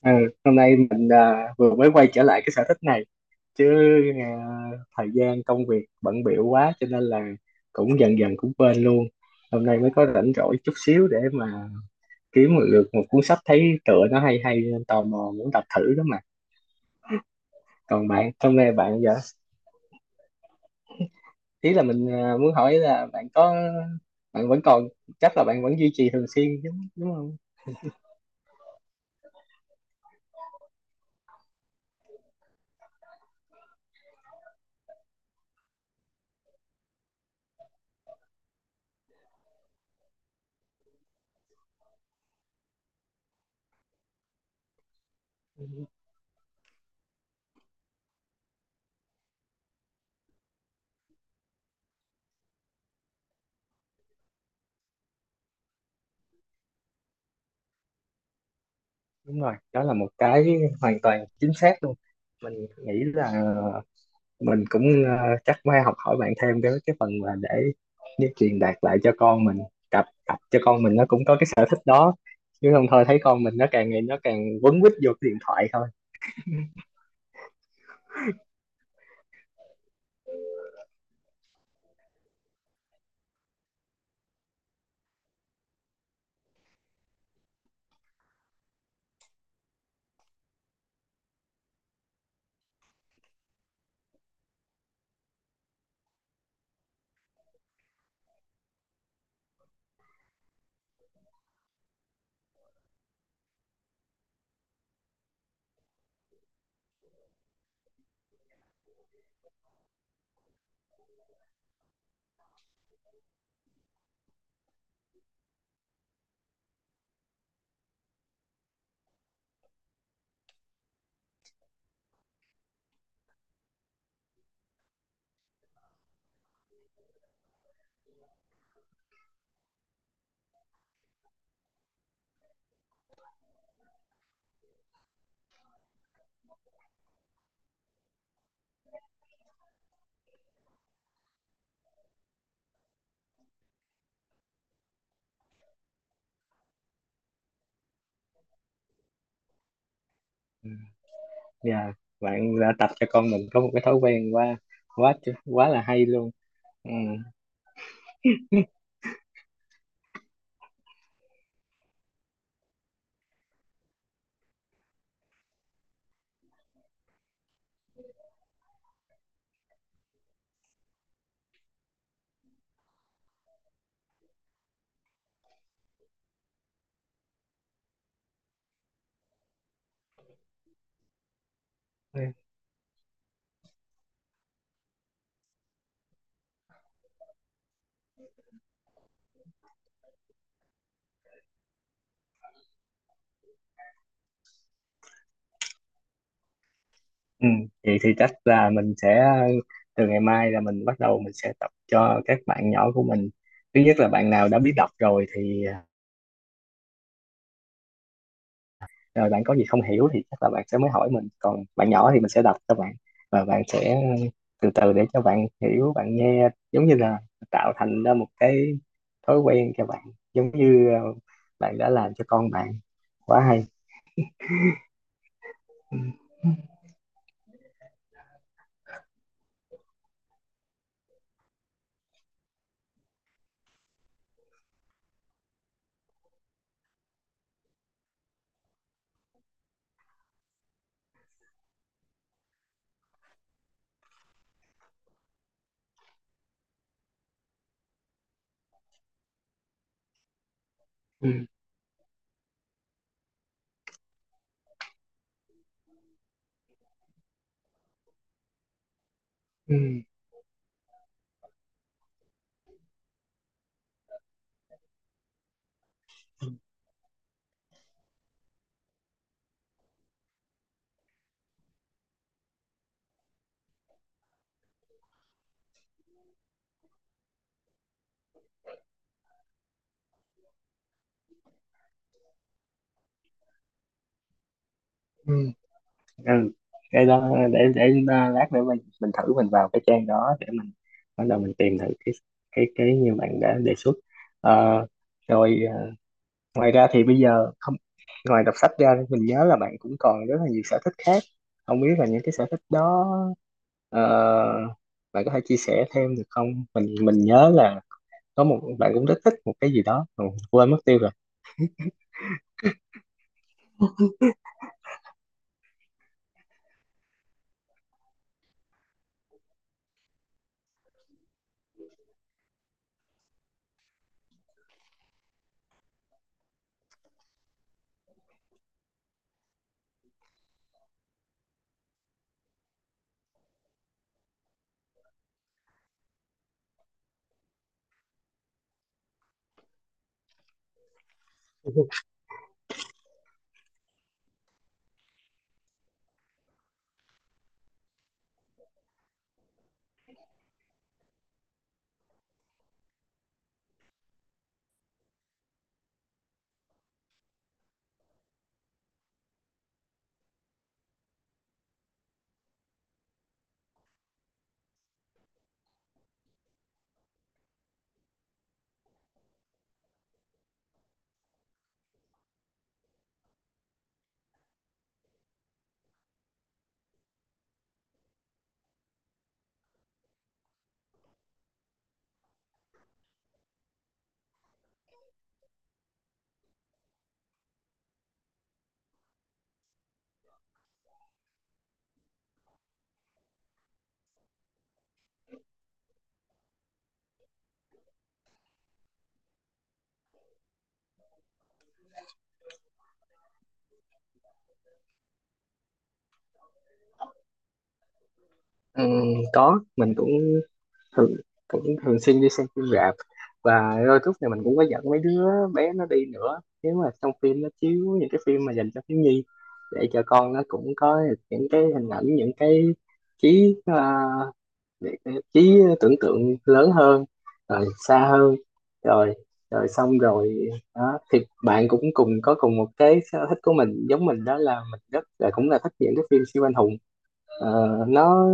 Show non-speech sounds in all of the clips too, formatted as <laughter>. Ờ, hôm nay mình vừa mới quay trở lại cái sở thích này chứ à, thời gian công việc bận bịu quá cho nên là cũng dần dần cũng quên luôn. Hôm nay mới có rảnh rỗi chút xíu để mà kiếm một lượt một cuốn sách thấy tựa nó hay hay nên tò mò muốn đọc thử đó mà. Còn bạn hôm nay bạn giờ ý là mình muốn hỏi là bạn có bạn vẫn còn chắc là bạn vẫn duy trì thường xuyên đúng đúng không? Đúng rồi, đó là một hoàn toàn chính xác luôn. Mình nghĩ là mình cũng chắc phải học hỏi bạn thêm cái phần mà để truyền đạt lại cho con mình, cặp cặp cho con mình nó cũng có cái sở thích đó, chứ không thôi thấy con mình nó càng ngày nó càng quấn quýt vô cái điện thoại thôi. Ừ. Dạ, bạn đã tập cho con mình có một cái thói quen quá quá quá là hay luôn. Ừ. Ừ. Vậy thì chắc là mình sẽ từ ngày mai là mình bắt đầu mình sẽ tập cho các bạn nhỏ của mình. Thứ nhất là bạn nào đã biết đọc rồi thì rồi bạn có gì không hiểu thì chắc là bạn sẽ mới hỏi mình, còn bạn nhỏ thì mình sẽ đọc cho bạn và bạn sẽ từ từ, để cho bạn hiểu bạn nghe, giống như là tạo thành ra một cái thói quen cho bạn, giống như bạn đã làm cho con bạn. Quá hay. Ừ. Ừ. Ừ. Ừ. Ừ. Cái đó để lát nữa mình thử mình vào cái trang đó để mình bắt đầu mình tìm thử cái như bạn đã đề xuất. Ờ, rồi. Ngoài ra thì bây giờ không ngoài đọc sách ra mình nhớ là bạn cũng còn rất là nhiều sở thích khác, không biết là những cái sở thích đó ờ, bạn có thể chia sẻ thêm được không? Mình nhớ là có một bạn cũng rất thích một cái gì đó mà quên mất tiêu rồi. <laughs> Ừ, có, mình cũng thường, cũng thường xuyên đi xem phim rạp, và đôi lúc này mình cũng có dẫn mấy đứa bé nó đi nữa nếu mà trong phim nó chiếu những cái phim mà dành cho thiếu nhi, để cho con nó cũng có những cái hình ảnh, những cái trí à, để cái trí tưởng tượng lớn hơn rồi xa hơn. Rồi. Rồi xong rồi. Đó thì bạn cũng cùng có cùng một cái sở thích của mình, giống mình, đó là mình rất là cũng là thích những cái phim siêu anh hùng. Ờ, nó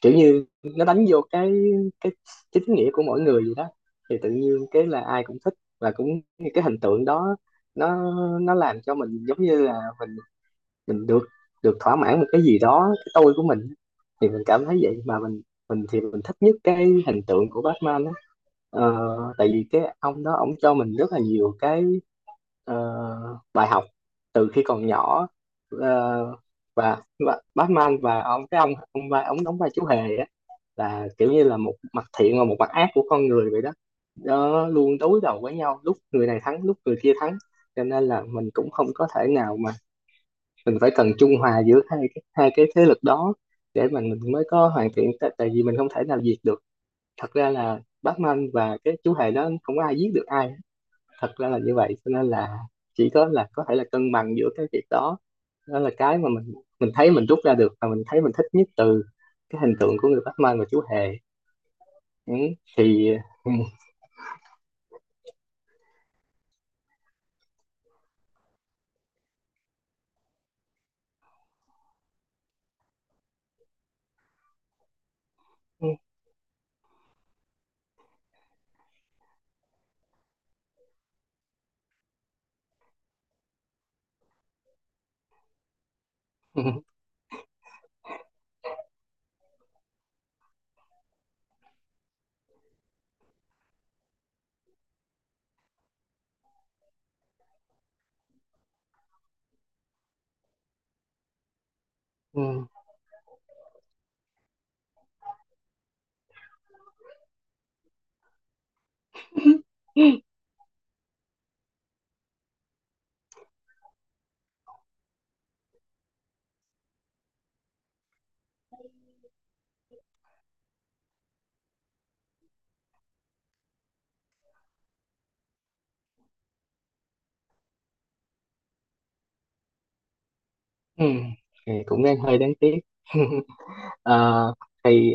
kiểu như nó đánh vô cái chính nghĩa của mỗi người vậy đó, thì tự nhiên cái là ai cũng thích và cũng như cái hình tượng đó. Nó nó làm cho mình giống như là mình mình được được thỏa mãn một cái gì đó, cái tôi của mình, thì mình cảm thấy vậy. Mà mình thích nhất cái hình tượng của Batman á. Ờ, tại vì cái ông đó ông cho mình rất là nhiều cái ờ, bài học từ khi còn nhỏ. Ờ, và, và Batman và ông cái ông vai- ông đóng vai chú hề, là kiểu như là một mặt thiện và một mặt ác của con người vậy đó. Nó luôn đối đầu với nhau, lúc người này thắng lúc người kia thắng, cho nên là mình cũng không có thể nào mà mình phải cần trung hòa giữa hai cái thế lực đó để mà mình mới có hoàn thiện. Tại tại vì mình không thể nào diệt được, thật ra là Batman và cái chú hề đó không có ai giết được ai, thật ra là như vậy. Cho nên là chỉ có là có thể là cân bằng giữa cái việc đó. Đó là cái mà mình thấy mình rút ra được và mình thấy mình thích nhất từ cái hình tượng của người Batman và chú hề. Ừ, thì ừ, ừ, ừ, ừ, thì cũng đang hơi đáng tiếc. <laughs> Ờ, thì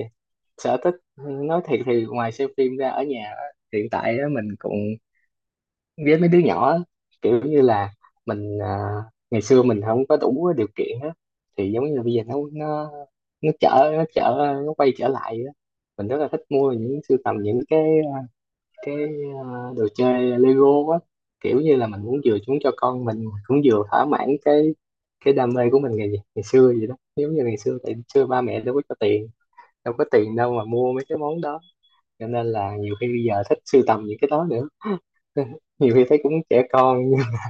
sở thích nói thiệt thì ngoài xem phim ra ở nhà á, hiện tại á, mình cũng với mấy đứa nhỏ á, kiểu như là mình ngày xưa mình không có đủ điều kiện á, thì giống như là bây giờ nó trở nó trở nó quay trở lại á. Mình rất là thích mua những sưu tầm những cái đồ chơi Lego á, kiểu như là mình muốn vừa chúng cho con mình mà cũng vừa thỏa mãn cái đam mê của mình ngày ngày xưa vậy đó, giống như ngày xưa tại xưa ba mẹ đâu có cho tiền, đâu có tiền đâu mà mua mấy cái món đó, cho nên là nhiều khi bây giờ thích sưu tầm những cái đó nữa. <laughs> Nhiều khi thấy cũng trẻ con. <laughs>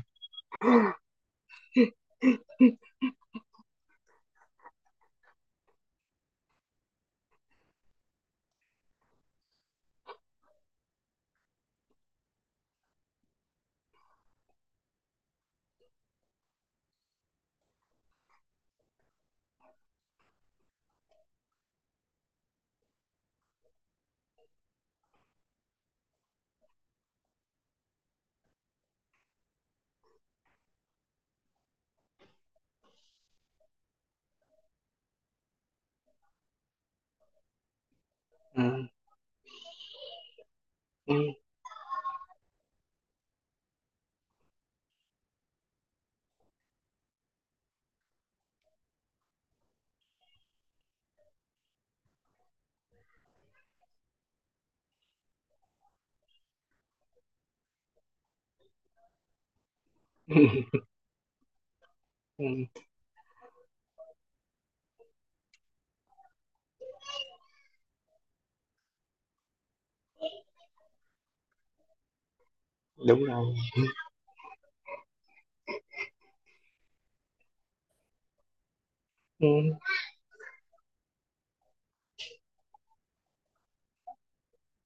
Ừ. Ừ. Ừ, đúng rồi. Ừ,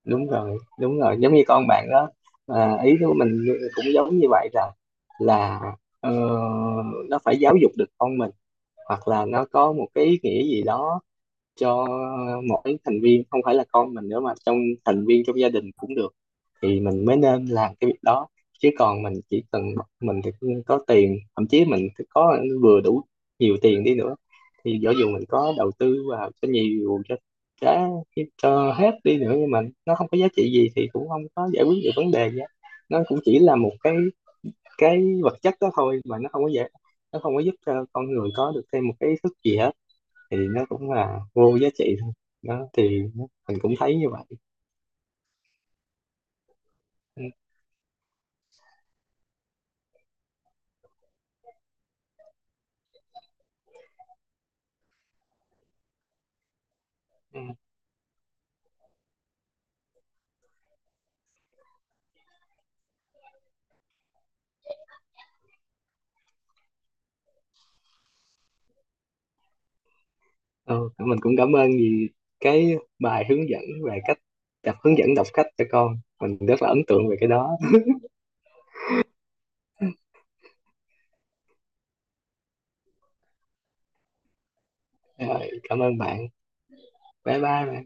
đúng rồi, đúng rồi, giống như con bạn đó. Ý của mình cũng giống như vậy, là ờ, nó phải giáo dục được con mình hoặc là nó có một cái ý nghĩa gì đó cho mỗi thành viên, không phải là con mình nữa mà thành viên trong gia đình cũng được, thì mình mới nên làm cái việc đó. Chứ còn mình chỉ cần mình thì có tiền, thậm chí mình có vừa đủ nhiều tiền đi nữa, thì dẫu dù mình có đầu tư vào cho nhiều đã cho hết đi nữa nhưng mà nó không có giá trị gì thì cũng không có giải quyết được vấn đề gì hết. Nó cũng chỉ là một cái vật chất đó thôi, mà nó không có giúp cho con người có được thêm một cái ý thức gì hết, thì nó cũng là vô giá trị thôi. Đó thì mình cũng thấy như vậy. Ừ. Ừ. Ừ, mình cũng cảm ơn vì cái bài hướng dẫn về cách hướng dẫn đọc sách cho con mình, rất là ấn tượng về cái đó. Rồi, cảm ơn bạn. Bye bye bạn.